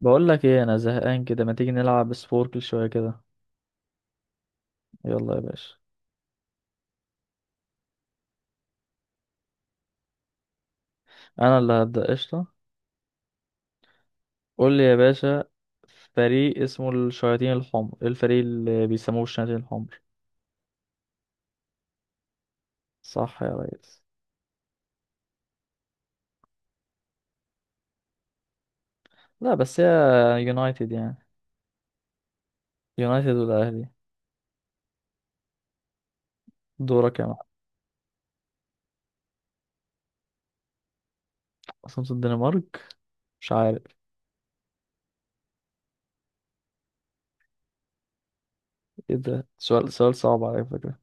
بقول لك ايه، انا زهقان كده ما تيجي نلعب سبوركل شويه كده. يلا يا باشا. انا اللي هبدا قشطه. قول لي يا باشا. فريق اسمه الشياطين الحمر، إيه الفريق اللي بيسموه الشياطين الحمر؟ صح يا ريس. لا بس هي يونايتد يعني. يونايتد والاهلي. دورك يا معلم. اصلا الدنمارك مش عارف. ايه ده، سؤال صعب على فكره.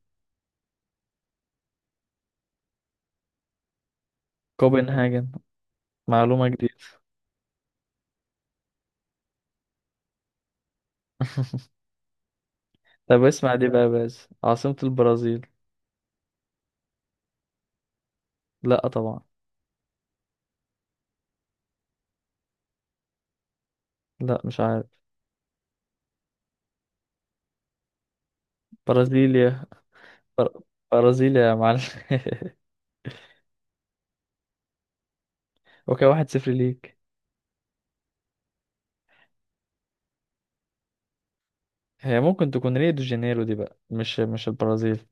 كوبنهاجن، معلومه جديده. طب اسمع دي بقى يا باشا، عاصمه البرازيل. لا طبعا. لا مش عارف. برازيليا. بر- برازيل يا معلم. وكان واحد صفر ليك. هي ممكن تكون ريو دي جانيرو دي بقى، مش البرازيل.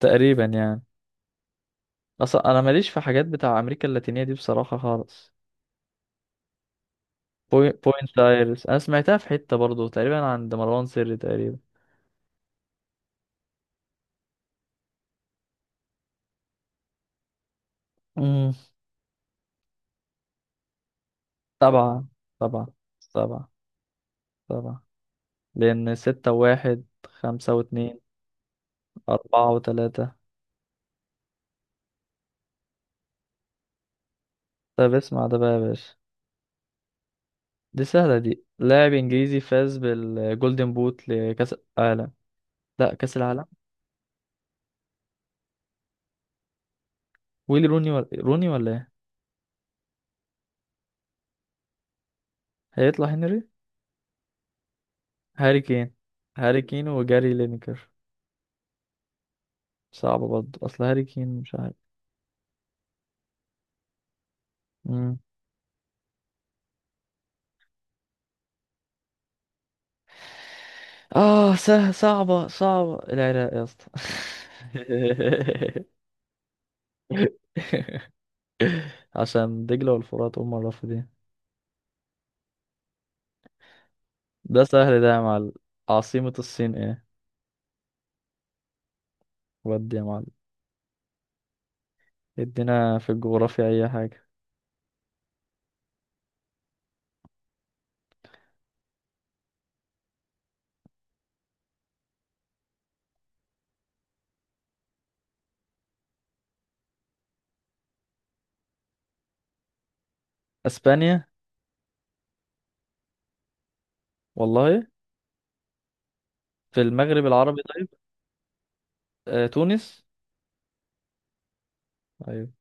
تقريبا يعني. اصلا انا ماليش في حاجات بتاع امريكا اللاتينيه دي بصراحه خالص. بوينت ايرس انا سمعتها في حته برضو تقريبا عند مروان سري تقريبا. امم. طبعا. طبعا. طبعا. طبعا. لأن ستة واحد خمسة واتنين أربعة وتلاتة. طب اسمع ده بقى يا باشا، دي سهلة دي، لاعب إنجليزي فاز بالجولدن بوت لكأس العالم. لا، كأس العالم. ويلي روني ولا روني ولا ايه؟ هيطلع هنري. هاري كين. هاري كين وجاري لينكر. صعبة برضه، اصل هاري كين مش عارف. مم. اه، صعبة العراق يا اسطى. عشان دجلة والفرات هم الرافدين. ده سهل ده يا معلم، عاصمة الصين ايه؟ ودي يا معلم، ادينا في الجغرافيا اي حاجة. اسبانيا. والله. في المغرب العربي طيب. آه، تونس. ايوه.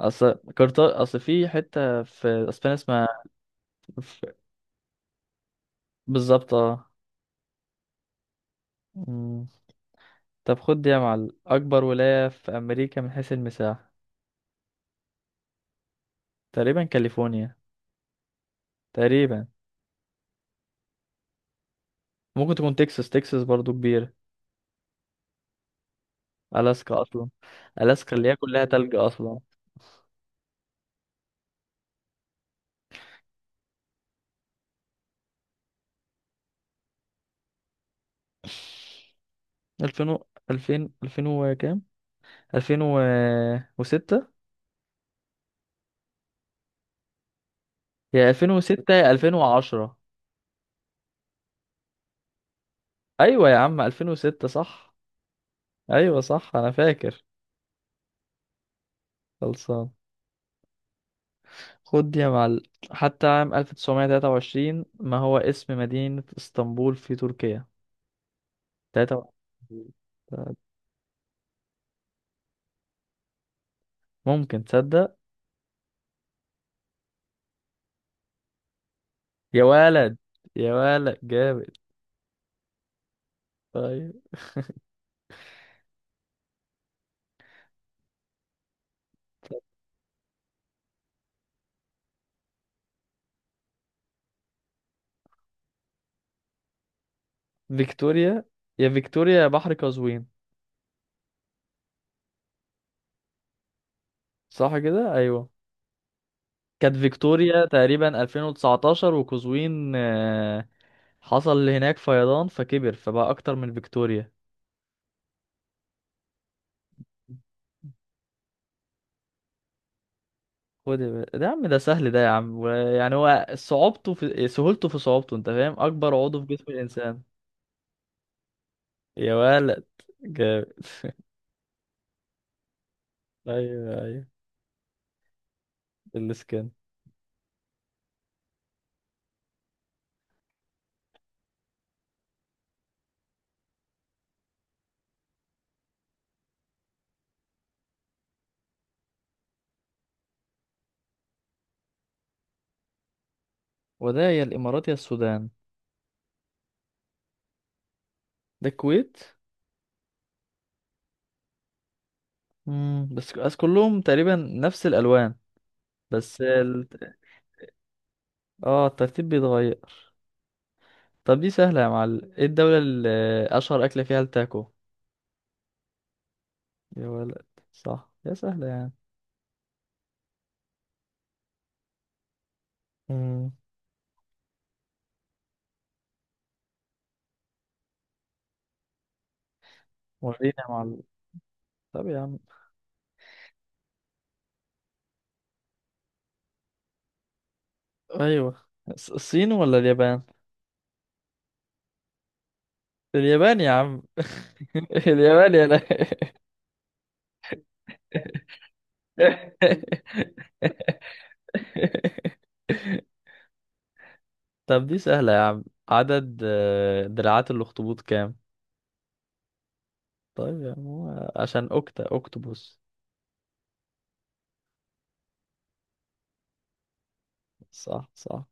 اصل كارتا، اصل في حته في اسبانيا اسمها. ف- بالظبط اه. مم. طب خد دي يا معلم، أكبر ولاية في أمريكا من حيث المساحة. تقريبا كاليفورنيا، تقريبا. ممكن تكون تكساس، تكساس برضو كبيرة. ألاسكا أصلا. ألاسكا اللي هي كلها تلج أصلا. ألفين وكام، ألفين وستة. هي ألفين وستة يا ألفين وعشرة. أيوة يا عم ألفين وستة صح. أيوة صح أنا فاكر. خلصان. خد دي يا معلم، حتى عام 1923 ما هو اسم مدينة اسطنبول في تركيا؟ تلاتة. ممكن تصدق. يا ولد. يا ولد جامد. طيب. فيكتوريا. يا فيكتوريا يا بحر قزوين. صح كده ايوه. كانت فيكتوريا تقريبا 2019، وقزوين حصل هناك فيضان فكبر فبقى اكتر من فيكتوريا. خد يا باشا. ده يا عم، ده سهل ده يا عم يعني هو صعوبته في سهولته في صعوبته، انت فاهم، اكبر عضو في جسم الانسان. يا ولد جامد. ايوه ايوه. السكن. وده يا الإمارات يا السودان. ده الكويت. مم. بس كلهم تقريبا نفس الألوان. بس ال... اه الترتيب بيتغير. طب دي سهلة يا معلم، ايه الدولة اللي أشهر أكلة فيها التاكو؟ يا ولد. صح، يا سهلة يعني. مم. ورينا يا معلم. طب يا عم. أيوه الصين ولا اليابان؟ اليابان يا عم. اليابان يا لا. طب دي سهلة يا عم، عدد دراعات الأخطبوط كام؟ طيب يا عم، هو عشان أوكتا أوكتوبوس. صح صح.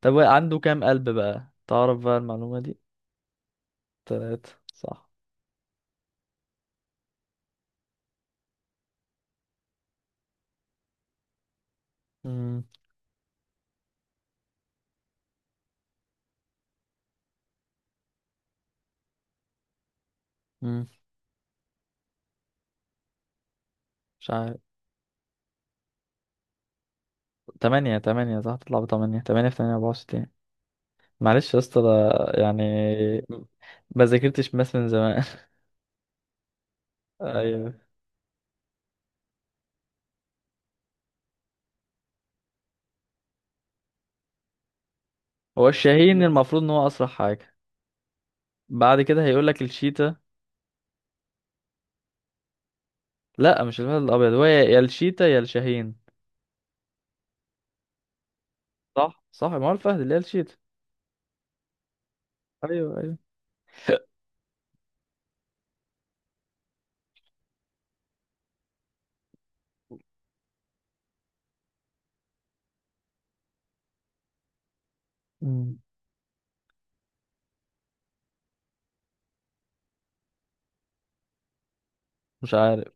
طب هو عنده كام قلب بقى، تعرف بقى المعلومة دي. تلاتة صح. مم. مم. مش عارف. تمانية صح، تطلع بتمانية، تمانية في تمانية أربعة وستين. معلش يا اسطى ده يعني. ما ذاكرتش ماس من زمان. أيوه. هو الشاهين المفروض إن هو أسرع حاجة. بعد كده هيقولك الشيتا. لا مش الفهد الأبيض، هو يا الشيتا يا الشاهين. صح صح. ما هو الفهد اللي هي الشيتا. أيوه أيوه. مم. مش عارف.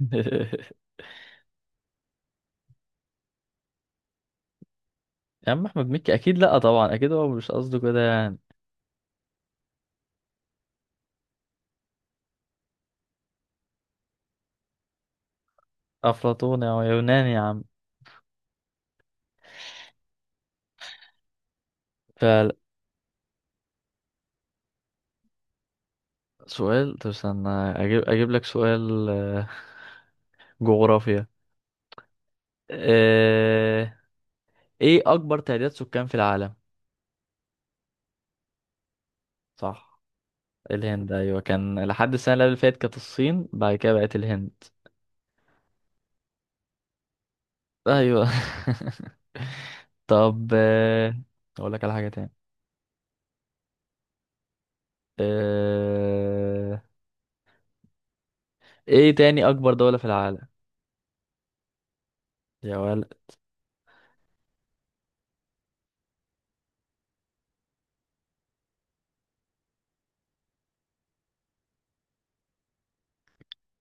يا عم احمد مكي اكيد، لا طبعا اكيد هو مش قصده كده يعني. افلاطوني او يوناني يا عم. فسؤال، طب استنى اجيب لك سؤال جغرافيا. آه، ايه اكبر تعداد سكان في العالم؟ صح. الهند ايوه، كان لحد السنه اللي قبل فاتت كانت الصين، بعد كده بقت الهند. ايوه. طب اقول لك على حاجه تاني. آه، ايه تاني اكبر دوله في العالم؟ يا ولد.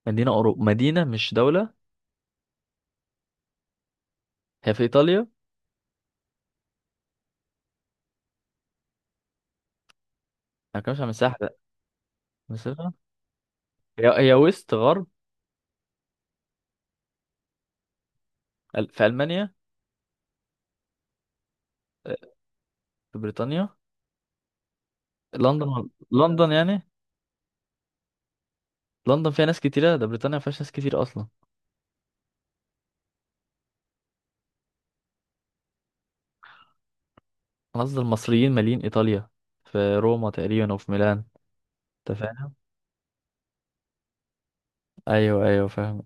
مدينه مش دوله. هي في ايطاليا. انا كمش على مساحة، لا. مسافة. هي ويست غرب. في ألمانيا. آه، في بريطانيا. لندن لندن يعني. لندن فيها ناس كتيرة، ده بريطانيا ما فيهاش ناس كتير أصلا. أنا قصدي المصريين مالين إيطاليا. في روما تقريبا وفي ميلان. أنت فاهم؟ أيوه أيوه فاهم.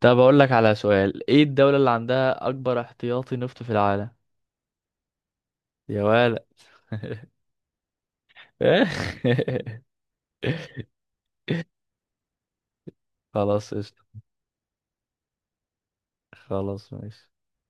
طب أقول لك على سؤال، إيه الدولة اللي عندها أكبر احتياطي نفط في العالم؟ يا ولد. خلاص قشطة. خلاص ماشي.